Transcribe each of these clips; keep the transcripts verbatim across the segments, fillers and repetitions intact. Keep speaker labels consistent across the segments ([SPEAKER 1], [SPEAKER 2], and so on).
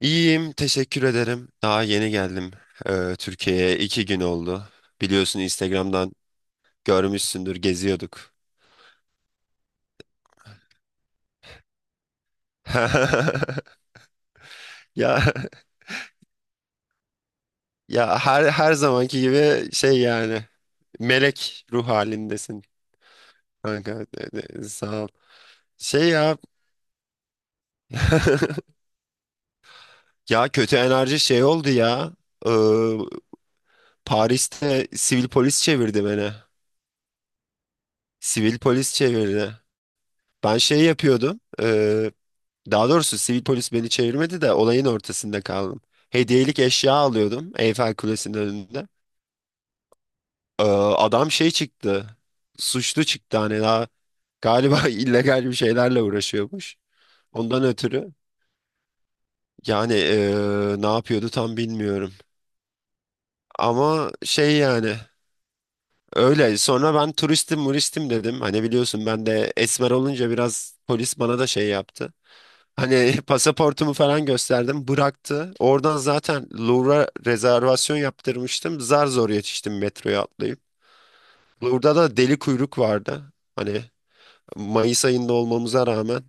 [SPEAKER 1] İyiyim, teşekkür ederim. Daha yeni geldim eee, Türkiye'ye. iki gün oldu. Biliyorsun Instagram'dan görmüşsündür, geziyorduk. Ya ya her her zamanki gibi şey yani melek ruh halindesin kanka. De- de- Sağ ol. Şey ya. Ya kötü enerji şey oldu ya. Eee, Paris'te sivil polis çevirdi beni. Sivil polis çevirdi. Ben şey yapıyordum. e, Daha doğrusu sivil polis beni çevirmedi de olayın ortasında kaldım. Hediyelik eşya alıyordum Eyfel Kulesi'nin önünde. Ee, adam şey çıktı. Suçlu çıktı hani daha galiba illegal bir şeylerle uğraşıyormuş. Ondan ötürü yani ee, ne yapıyordu tam bilmiyorum. Ama şey yani öyle sonra ben turistim muristim dedim. Hani biliyorsun ben de esmer olunca biraz polis bana da şey yaptı. Hani pasaportumu falan gösterdim. Bıraktı. Oradan zaten Louvre'a rezervasyon yaptırmıştım. Zar zor yetiştim metroya atlayıp. Louvre'da da deli kuyruk vardı. Hani Mayıs ayında olmamıza rağmen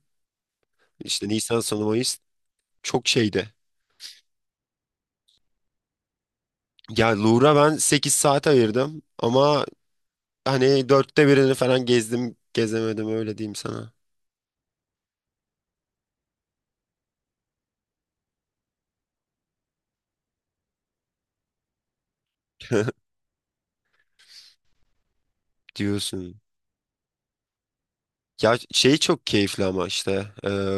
[SPEAKER 1] işte Nisan sonu Mayıs çok şeydi. Ya Louvre'a ben sekiz saat ayırdım ama hani dörtte birini falan gezdim gezemedim öyle diyeyim sana. Diyorsun. Ya şey çok keyifli ama işte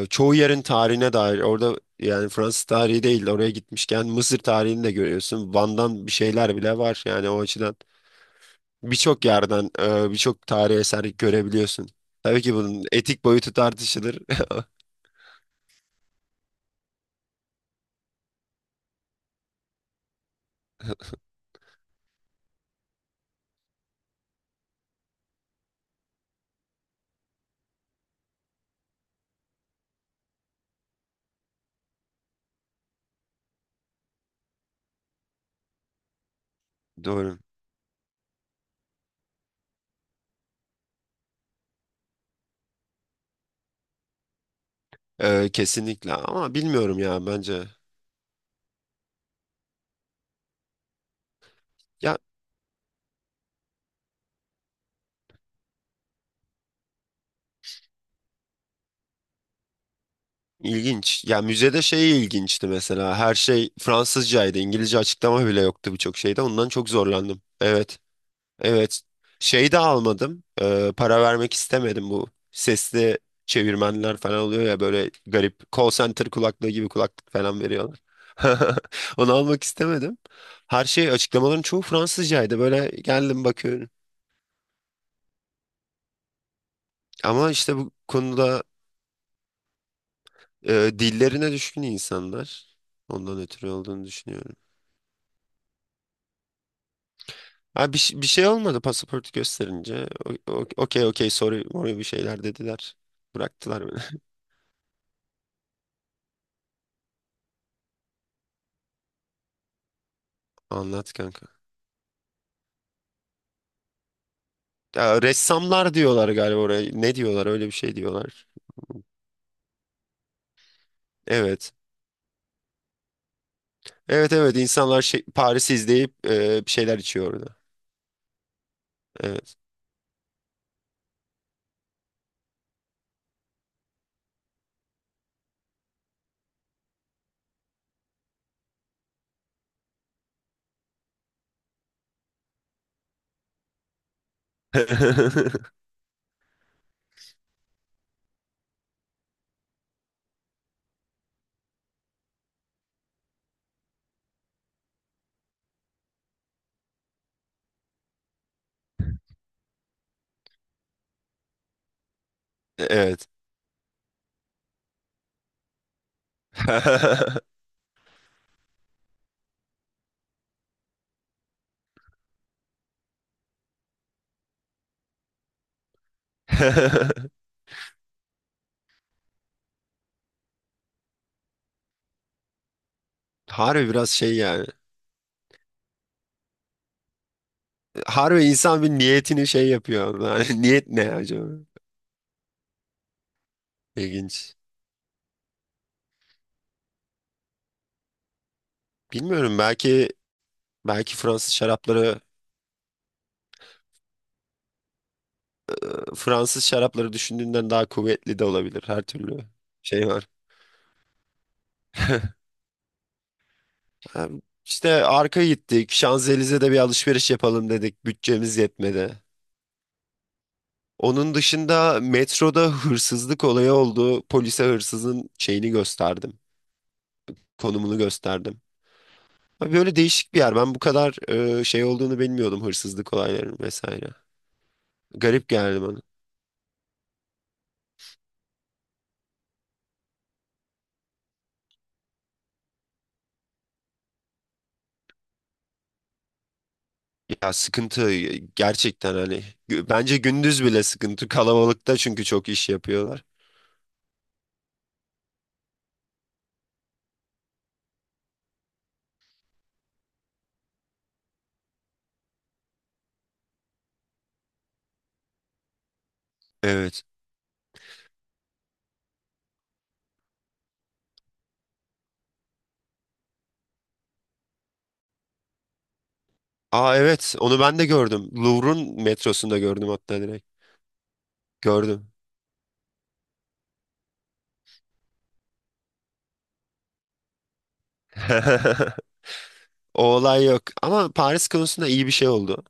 [SPEAKER 1] e, çoğu yerin tarihine dair orada yani Fransız tarihi değil oraya gitmişken Mısır tarihini de görüyorsun. Van'dan bir şeyler bile var yani o açıdan birçok yerden e, birçok tarihi eser görebiliyorsun. Tabii ki bunun etik boyutu tartışılır. Doğru. E, kesinlikle ama bilmiyorum ya bence. Ya ilginç. Ya müzede şey ilginçti mesela her şey Fransızcaydı, İngilizce açıklama bile yoktu birçok şeyde, ondan çok zorlandım. Evet. Evet. Şeyi de almadım. Ee, para vermek istemedim, bu sesli çevirmenler falan oluyor ya, böyle garip call center kulaklığı gibi kulaklık falan veriyorlar. Onu almak istemedim. Her şey, açıklamaların çoğu Fransızcaydı. Böyle geldim bakıyorum. Ama işte bu konuda e, dillerine düşkün insanlar. Ondan ötürü olduğunu düşünüyorum. Ha, bir, ş- bir şey olmadı pasaportu gösterince. O- o- Okey okey sorry morry bir şeyler dediler. Bıraktılar beni. Anlat kanka. Ya, ressamlar diyorlar galiba oraya. Ne diyorlar? Öyle bir şey diyorlar. Evet. Evet evet, insanlar şey, Paris'i izleyip e, bir şeyler içiyor orada. Evet. Evet. Harbi biraz şey yani. Harbi insan bir niyetini şey yapıyor. Yani niyet ne acaba? İlginç. Bilmiyorum, belki belki Fransız şarapları Fransız şarapları düşündüğünden daha kuvvetli de olabilir, her türlü şey var. Hem İşte arka gittik. Şanzelize'de bir alışveriş yapalım dedik. Bütçemiz yetmedi. Onun dışında metroda hırsızlık olayı oldu. Polise hırsızın şeyini gösterdim. Konumunu gösterdim. Abi böyle değişik bir yer. Ben bu kadar e, şey olduğunu bilmiyordum, hırsızlık olaylarının vesaire. Garip geldi bana. Ya sıkıntı e, gerçekten hani. gü- Bence gündüz bile sıkıntı. Kalabalıkta çünkü çok iş yapıyorlar. Evet. Aa evet, onu ben de gördüm. Louvre'un metrosunda gördüm hatta direkt. Gördüm. O olay yok. Ama Paris konusunda iyi bir şey oldu.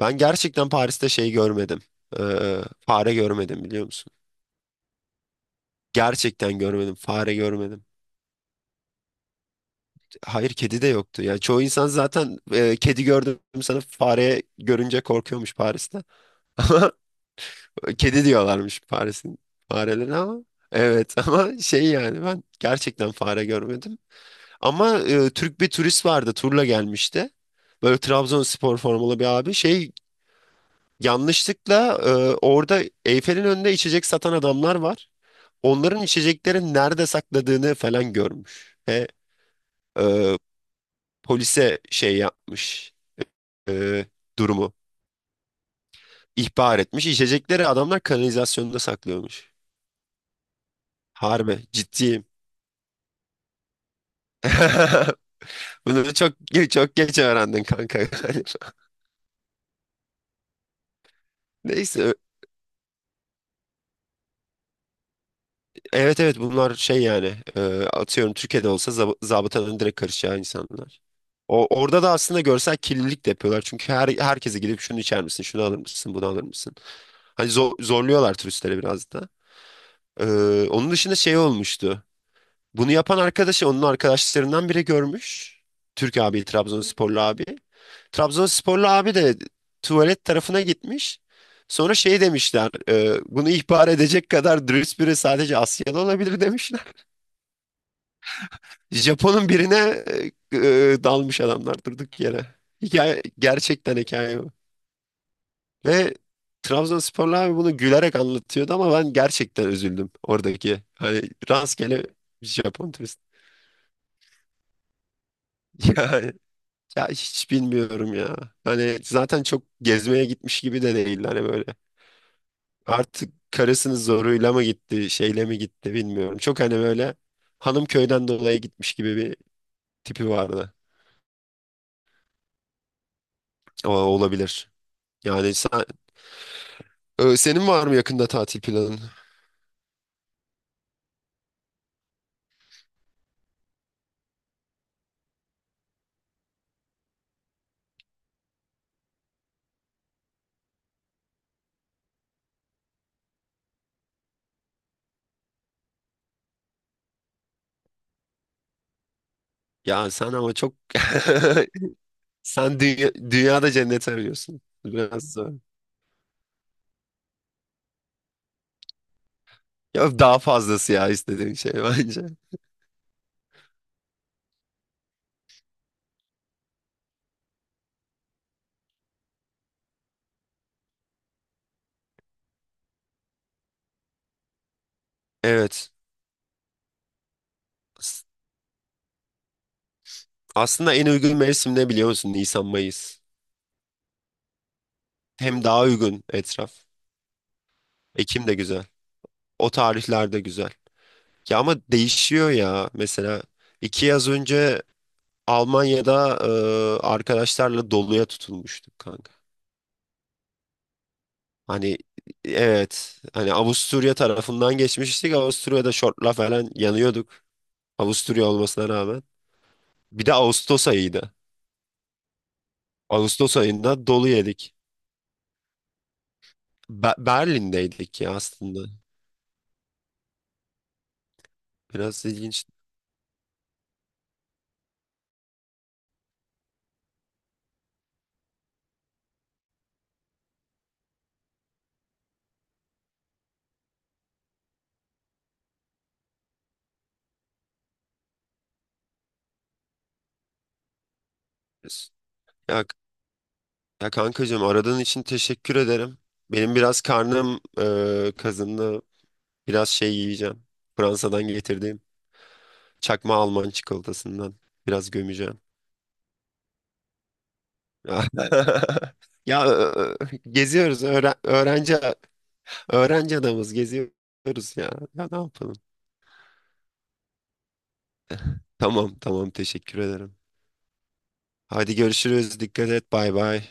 [SPEAKER 1] Ben gerçekten Paris'te şey görmedim. Ee, fare görmedim biliyor musun? Gerçekten görmedim. Fare görmedim. Hayır, kedi de yoktu. Ya çoğu insan zaten e, kedi gördüm sana, fare görünce korkuyormuş Paris'te. Ama kedi diyorlarmış Paris'in farelerine ama. Evet, ama şey yani ben gerçekten fare görmedim. Ama e, Türk bir turist vardı, turla gelmişti. Böyle Trabzonspor formalı bir abi şey, yanlışlıkla e, orada Eyfel'in önünde içecek satan adamlar var. Onların içeceklerin nerede sakladığını falan görmüş. Ve e, polise şey yapmış, e, durumu ihbar etmiş. İçecekleri adamlar kanalizasyonda saklıyormuş. Harbi ciddiyim. Bunu çok çok geç öğrendin kanka galiba. Neyse. Evet evet, bunlar şey yani, e, atıyorum Türkiye'de olsa zab zabıtanın direkt karışacağı insanlar. O, orada da aslında görsel kirlilik de yapıyorlar. Çünkü her, herkese gidip şunu içer misin, şunu alır mısın, bunu alır mısın? Hani zor, zorluyorlar turistleri biraz da. E, onun dışında şey olmuştu. Bunu yapan arkadaşı, onun arkadaşlarından biri görmüş. Türk abi, Trabzonsporlu abi. Trabzonsporlu abi de tuvalet tarafına gitmiş. Sonra şey demişler, e, bunu ihbar edecek kadar dürüst biri sadece Asyalı olabilir, Japon'un birine e, e, dalmış adamlar durduk yere. Hikaye, gerçekten hikaye bu. Ve Trabzonsporlu abi bunu gülerek anlatıyordu ama ben gerçekten üzüldüm oradaki. Hani rastgele Japon turist. Yani, ya hiç bilmiyorum ya. Hani zaten çok gezmeye gitmiş gibi de değil hani böyle. Artık karısının zoruyla mı gitti, şeyle mi gitti bilmiyorum. Çok hani böyle hanım köyden dolayı gitmiş gibi bir tipi vardı. Ama olabilir. Yani sa- Ee, senin var mı yakında tatil planın? Ya sen ama çok, sen dünya, dünyada cennet arıyorsun. Biraz da. Ya daha fazlası ya istediğin şey, bence. Evet. As- Aslında en uygun mevsim ne biliyor musun? Nisan, Mayıs. Hem daha uygun etraf. Ekim de güzel. O tarihler de güzel. Ya ama değişiyor ya. Mesela iki yaz önce Almanya'da e, arkadaşlarla doluya tutulmuştuk kanka. Hani evet, hani Avusturya tarafından geçmiştik. Avusturya'da şortla falan yanıyorduk. Avusturya olmasına rağmen. Bir de Ağustos ayıydı. Ağustos ayında dolu yedik. Be- Berlin'deydik ya aslında. Biraz ilginç. Ya, ya kankacığım, aradığın için teşekkür ederim. Benim biraz karnım e, kazındı. Biraz şey yiyeceğim. Fransa'dan getirdiğim çakma Alman çikolatasından biraz gömeceğim. Ya, ya e, geziyoruz, öğren öğrenci öğrenci adamız, geziyoruz ya. Ya ne yapalım? Tamam tamam, teşekkür ederim. Hadi görüşürüz. Dikkat et. Bay bay.